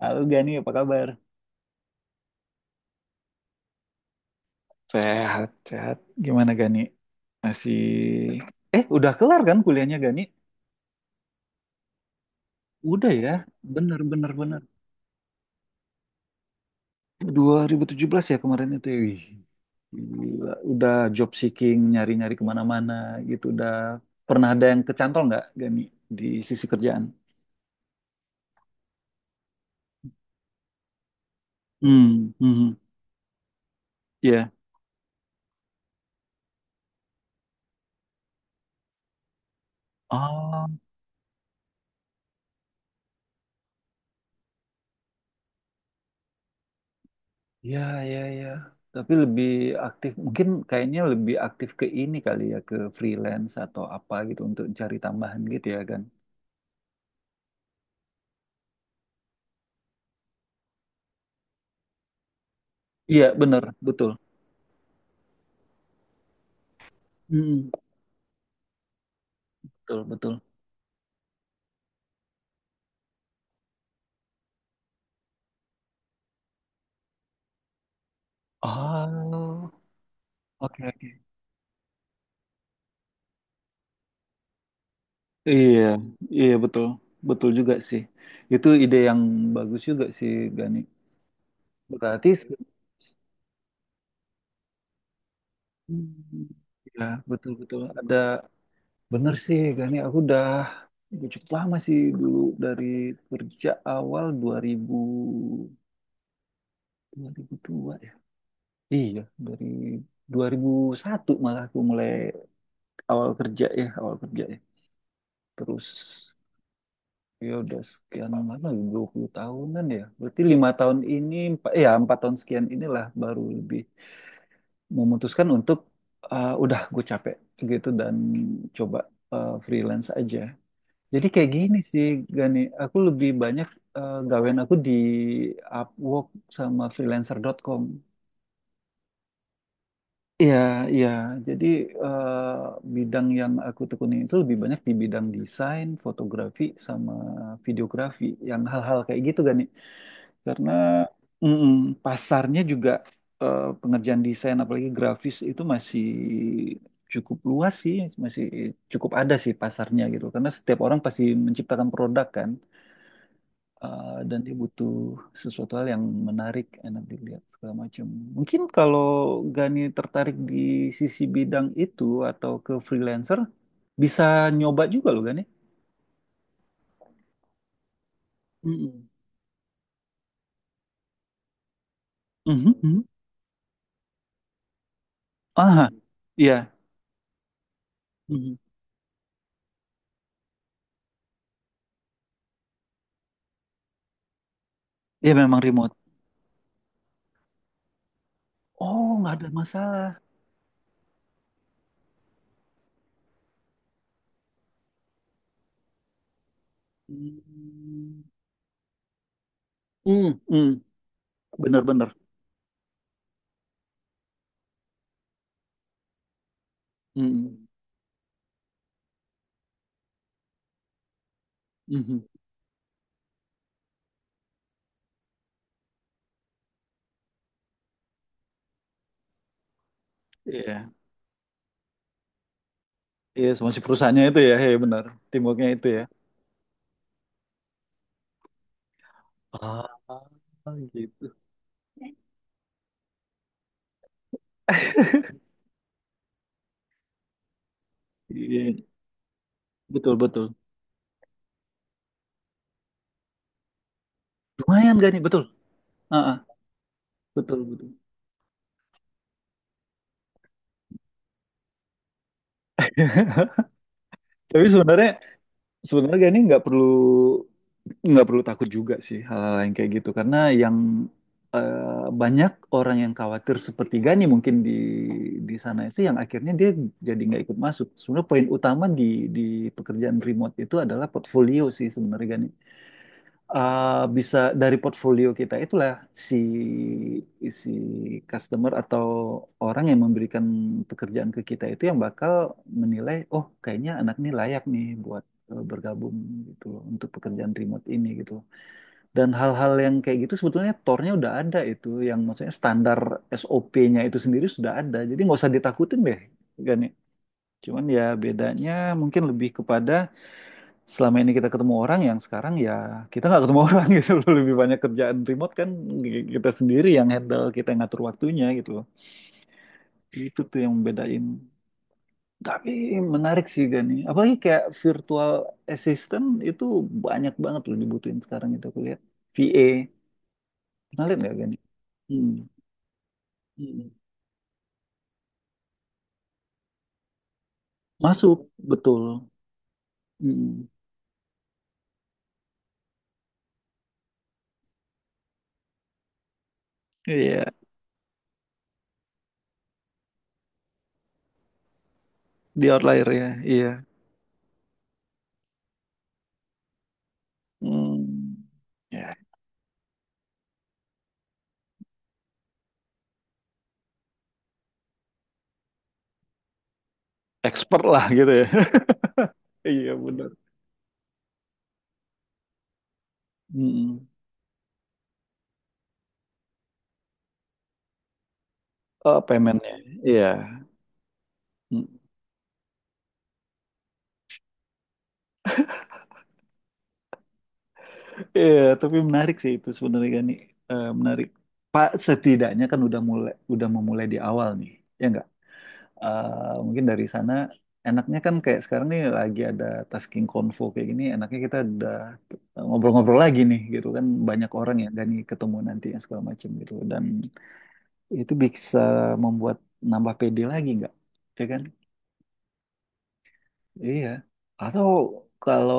Halo Gani, apa kabar? Sehat, sehat. Gimana, Gani? Masih... udah kelar kan kuliahnya, Gani? Udah ya, bener bener bener. 2017 ya kemarin itu. Ya. Wih, gila. Udah job seeking, nyari-nyari kemana-mana gitu. Udah pernah ada yang kecantol nggak, Gani, di sisi kerjaan? Hmm, hmm, ya. Ya, ya, ya. Tapi lebih aktif, mungkin kayaknya lebih aktif ke ini kali ya, ke freelance atau apa gitu untuk cari tambahan gitu ya kan? Iya, bener, betul. Mm, betul, betul. Oh, oke, oke. Iya, iya betul, betul juga sih. Itu ide yang bagus juga sih, Gani. Berarti, se- Hmm, ya betul, betul. Bener sih, Gani. Aku udah cukup lama sih dulu dari kerja awal 2000. 2002 ya. Iya, dari 2001 malah aku mulai awal kerja ya, awal kerja ya. Terus ya udah sekian lama, 20 tahunan ya. Berarti 5 tahun ini, empat, ya 4 tahun sekian inilah baru lebih memutuskan untuk "Ah, udah gue capek gitu," dan coba freelance aja. Jadi kayak gini sih, Gani, aku lebih banyak gawean aku di Upwork sama freelancer.com. Iya, iya. Jadi eh, bidang yang aku tekuni itu lebih banyak di bidang desain, fotografi, sama videografi, yang hal-hal kayak gitu kan nih. Karena mm pasarnya juga pengerjaan desain, apalagi grafis itu masih cukup luas sih, masih cukup ada sih pasarnya gitu. Karena setiap orang pasti menciptakan produk kan. Dan dia butuh sesuatu hal yang menarik, enak dilihat segala macam. Mungkin kalau Gani tertarik di sisi bidang itu atau ke freelancer, bisa nyoba juga loh, Gani. Mm-mm. Mhm, mhm. Aha, iya, mm iya memang remote. Oh, nggak ada masalah. Mm. Hmm, hmm, benar-benar. Hmm, mhm. Iya, iya, sama si perusahaannya itu ya, ya benar. Teamworknya itu ya. Ah, gitu. Iya, betul betul. Lumayan gak nih, betul. Heeh, betul, betul. Tapi sebenarnya sebenarnya gak nih nggak perlu takut juga sih hal-hal yang kayak gitu, karena banyak orang yang khawatir sepertiganya mungkin di sana itu yang akhirnya dia jadi nggak ikut masuk. Sebenarnya poin utama di di pekerjaan remote itu adalah portfolio sih sebenarnya, Gani. Bisa dari portfolio kita itulah si si customer atau orang yang memberikan pekerjaan ke kita itu yang bakal menilai, oh kayaknya anak ini layak nih buat bergabung gitu loh untuk pekerjaan remote ini gitu. Dan hal-hal yang kayak gitu sebetulnya tornya udah ada itu, yang maksudnya standar SOP-nya itu sendiri sudah ada. Jadi nggak usah ditakutin deh, Gani. Cuman ya bedanya mungkin lebih kepada selama ini kita ketemu orang yang sekarang ya kita nggak ketemu orang gitu loh. Lebih banyak kerjaan remote kan kita sendiri yang handle, kita yang ngatur waktunya gitu loh. Itu tuh yang membedain. Tapi menarik sih, Gani. Apalagi kayak virtual assistant itu banyak banget loh dibutuhin sekarang itu aku lihat. VA. Pernah lihat nggak, Gani? Hmm. Hmm. Masuk, betul. Hmm. Iya, di outlier ya. Iya. Hmm. Ya, expert lah gitu ya. Iya, benar. Mm-mm. Oh, paymentnya, iya. Hmm. Iya, tapi menarik sih itu sebenarnya kan nih. Eh, menarik. Pak setidaknya kan udah mulai, udah memulai di awal nih, ya nggak? Mungkin dari sana enaknya kan kayak sekarang nih lagi ada tasking konvo kayak gini, enaknya kita udah ngobrol-ngobrol lagi nih, gitu kan banyak orang ya, Gani ketemu nanti yang segala macam gitu, dan itu bisa membuat nambah PD lagi nggak, ya kan? Iya. Atau kalau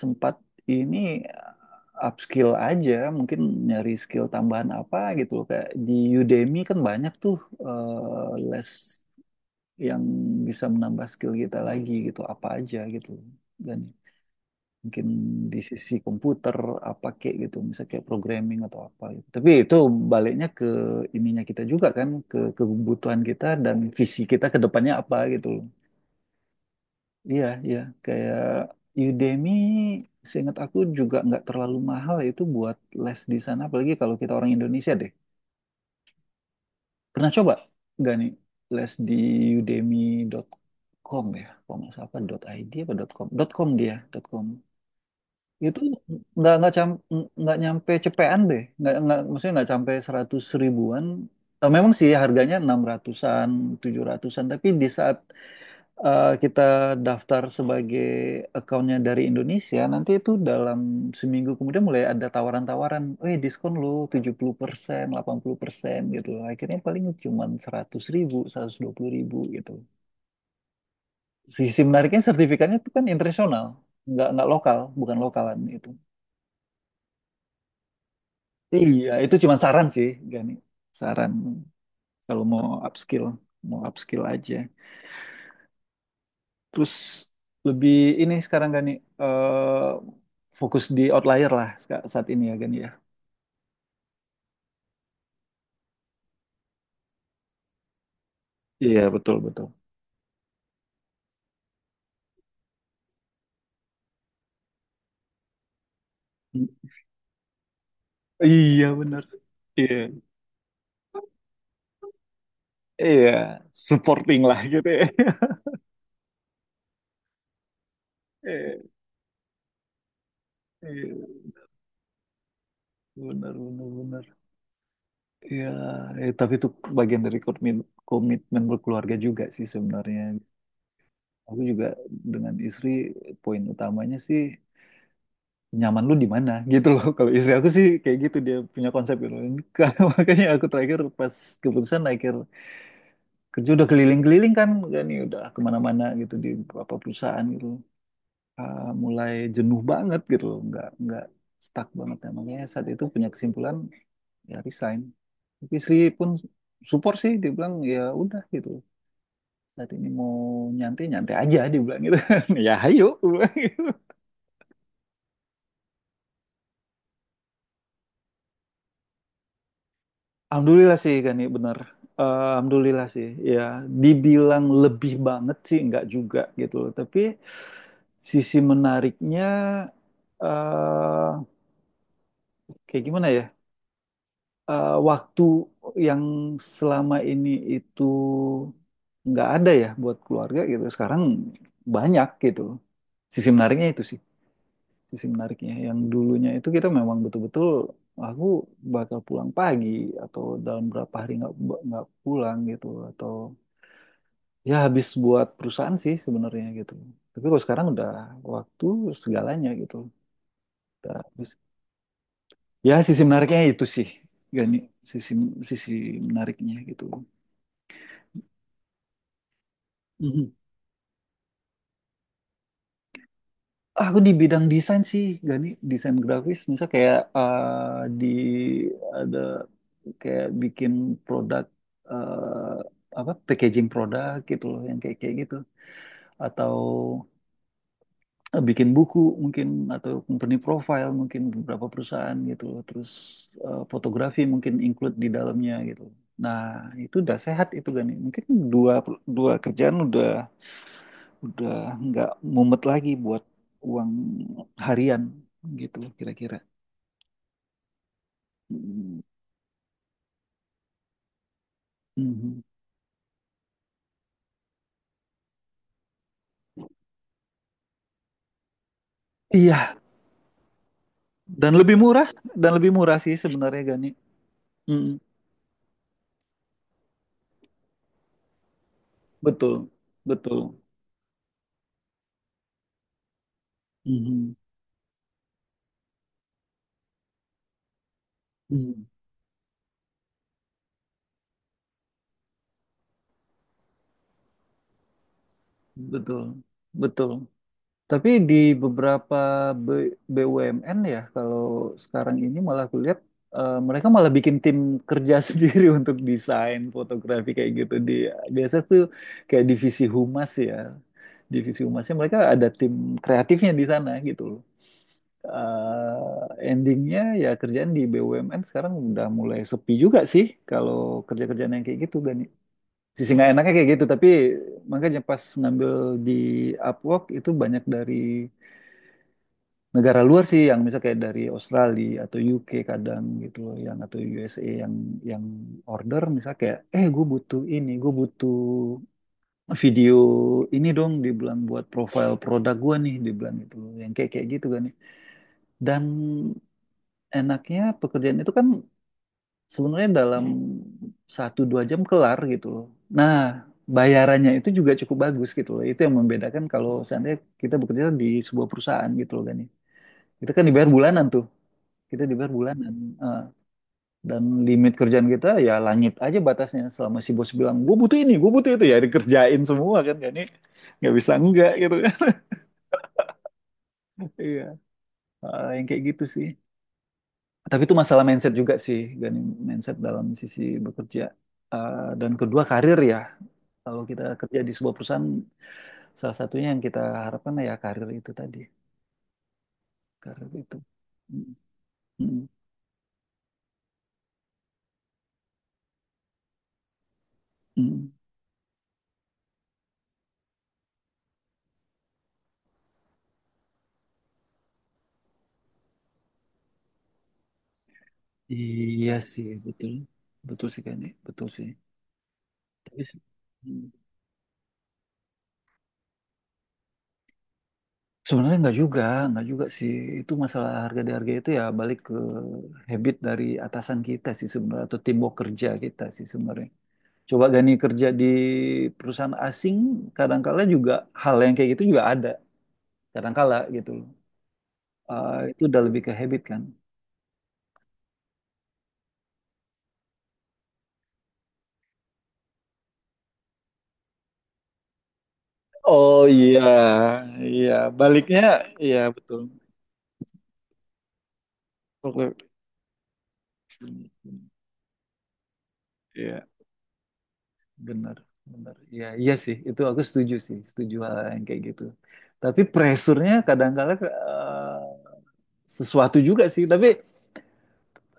sempat ini upskill aja, mungkin nyari skill tambahan apa gitu loh. Kayak di Udemy kan banyak tuh les yang bisa menambah skill kita lagi gitu, apa aja gitu. Dan mungkin di sisi komputer apa kayak gitu, misalnya kayak programming atau apa gitu. Tapi itu baliknya ke ininya kita juga kan, ke kebutuhan kita dan visi kita ke depannya apa gitu. Iya, iya. Kayak Udemy, seingat aku juga nggak terlalu mahal itu buat les di sana. Apalagi kalau kita orang Indonesia deh. Pernah coba nggak nih les di udemy.com ya? Kalau nggak salah apa dot .id apa dot .com? Dot .com dia, dot .com. Itu nggak nggak nyampe cepean deh. Nggak maksudnya nggak sampai 100 ribuan. Memang sih harganya 600-an, 700-an. Tapi di saat kita daftar sebagai accountnya dari Indonesia, nanti itu dalam seminggu kemudian mulai ada tawaran-tawaran, diskon lo 70%, 80% gitu. Akhirnya paling cuma 100 ribu, 120 ribu gitu. Sisi menariknya sertifikatnya itu kan internasional, nggak lokal, bukan lokalan itu. Iya, itu cuma saran sih, Gani. Saran kalau mau upskill aja. Terus lebih ini sekarang, Gani, eh fokus di outlier lah saat ini ya, Gani, ya. Iya betul betul. Mm. Iya benar. Iya iya supporting lah gitu ya. Iya iya. Benar benar benar. Iya tapi itu bagian dari komitmen komitmen berkeluarga juga sih sebenarnya. Aku juga dengan istri poin utamanya sih nyaman lu di mana gitu loh. Kalau istri aku sih kayak gitu, dia punya konsep gitu. Karena makanya aku terakhir pas keputusan akhir kerja udah keliling-keliling kan kan ya udah kemana-mana gitu di beberapa perusahaan gitu. Mulai jenuh banget gitu loh, nggak stuck banget ya, makanya saat itu punya kesimpulan ya resign, tapi istri pun support sih, dia bilang ya udah gitu, saat ini mau nyantai nyantai aja dia bilang gitu. Ya ayo aku bilang. Alhamdulillah sih, Gani, bener. Alhamdulillah sih, ya. Dibilang lebih banget sih, nggak juga gitu loh. Tapi sisi menariknya, eh kayak gimana ya? Waktu yang selama ini itu nggak ada ya buat keluarga gitu. Sekarang banyak gitu loh. Sisi menariknya itu sih. Sisi menariknya. Yang dulunya itu kita memang betul-betul aku bakal pulang pagi atau dalam berapa hari nggak pulang gitu atau ya habis buat perusahaan sih sebenarnya gitu. Tapi kalau sekarang udah waktu segalanya gitu. Udah habis. Ya sisi menariknya itu sih. Gani, sisi sisi menariknya gitu. Mhm. Aku di bidang desain sih, Gani, desain grafis. Misal kayak eh, di ada kayak bikin produk apa packaging produk gitu loh yang kayak kayak gitu, atau bikin buku mungkin, atau company profile mungkin beberapa perusahaan gitu loh. Terus fotografi mungkin include di dalamnya gitu. Nah, itu udah sehat itu, Gani. Mungkin dua dua kerjaan udah nggak mumet lagi buat uang harian gitu kira-kira. Mm, mhm. Iya, dan lebih murah dan lebih murah sih sebenarnya, Gani. Mm, betul, betul. Mhm, mhm. Betul, betul. Tapi di beberapa BUMN ya, kalau sekarang ini malah aku lihat mereka malah bikin tim kerja sendiri untuk desain fotografi kayak gitu. Di biasa tuh kayak divisi humas ya, divisi humasnya mereka ada tim kreatifnya di sana gitu loh. Endingnya ya kerjaan di BUMN sekarang udah mulai sepi juga sih kalau kerja-kerjaan yang kayak gitu, Gani. Sisi nggak enaknya kayak gitu, tapi makanya pas ngambil di Upwork itu banyak dari negara luar sih, yang misal kayak dari Australia atau UK kadang gitu loh, yang atau USA, yang order misal kayak gue butuh ini, gue butuh video ini dong, dibilang buat profile produk gue nih, dibilang gitu loh yang kayak kayak gitu kan ya. Dan enaknya pekerjaan itu kan sebenarnya dalam satu dua jam kelar gitu loh. Nah, bayarannya itu juga cukup bagus gitu loh, itu yang membedakan kalau seandainya kita bekerja di sebuah perusahaan gitu loh kan ya. Kita kan dibayar bulanan tuh, kita dibayar bulanan. Eh, dan limit kerjaan kita ya langit aja batasnya, selama si bos bilang gue butuh ini, gue butuh itu, ya dikerjain semua kan kan nggak bisa enggak gitu kan. Iya. Yang kayak gitu sih, tapi itu masalah mindset juga sih, Gani, mindset dalam sisi bekerja. Dan kedua karir ya, kalau kita kerja di sebuah perusahaan salah satunya yang kita harapkan ya karir itu tadi, karir itu. Mm, mm, mm. Iya sih, betul. Betul sih, gani, betul sih. Tapi, s- Sebenarnya nggak juga sih. Itu masalah harga di harga itu ya balik ke habit dari atasan kita sih sebenarnya atau timbuk kerja kita sih sebenarnya. Coba gani kerja di perusahaan asing, kadangkala juga hal yang kayak gitu juga ada, kadangkala gitu loh. Itu udah lebih ke habit kan. Oh iya, iya baliknya iya betul. Iya. Benar, benar. Iya, iya sih. Itu aku setuju sih, setuju hal yang kayak gitu. Tapi pressure-nya kadang-kala sesuatu juga sih. Tapi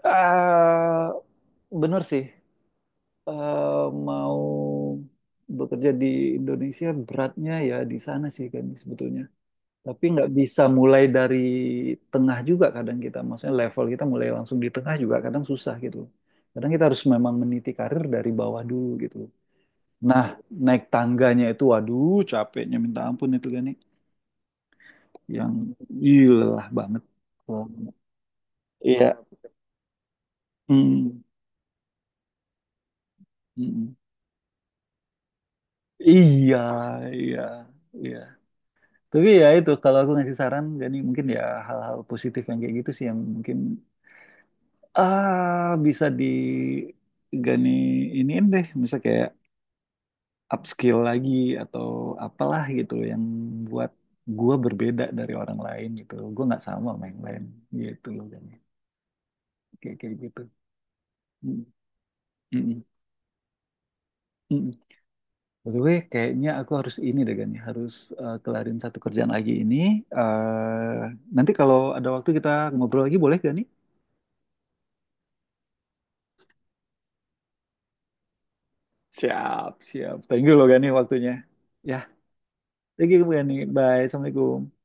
eh benar sih. Mau bekerja di Indonesia beratnya ya di sana sih kan sebetulnya. Tapi nggak bisa mulai dari tengah juga kadang kita. Maksudnya level kita mulai langsung di tengah juga kadang susah gitu. Kadang kita harus memang meniti karir dari bawah dulu gitu. Nah, naik tangganya itu waduh capeknya minta ampun itu kan yang lelah banget. Lelah banget. Iya. Mm, mm. Iya, iya, iya. Tapi ya itu kalau aku ngasih saran, Gani, mungkin ya hal-hal positif yang kayak gitu sih yang mungkin bisa di Gani iniin deh, bisa kayak upskill lagi atau apalah gitu loh yang buat gua berbeda dari orang lain gitu loh. Gua nggak sama sama yang lain gitu loh, Gani. Kayak kayak gitu. Mm, mm, mm. Mm. By the way, kayaknya aku harus ini deh, Gani, harus kelarin satu kerjaan lagi ini. Eh, Nanti kalau ada waktu kita ngobrol lagi boleh, Gani? Siap, siap. Thank you loh, Gani, waktunya. Ya, thank you, Gani. Bye, Assalamualaikum.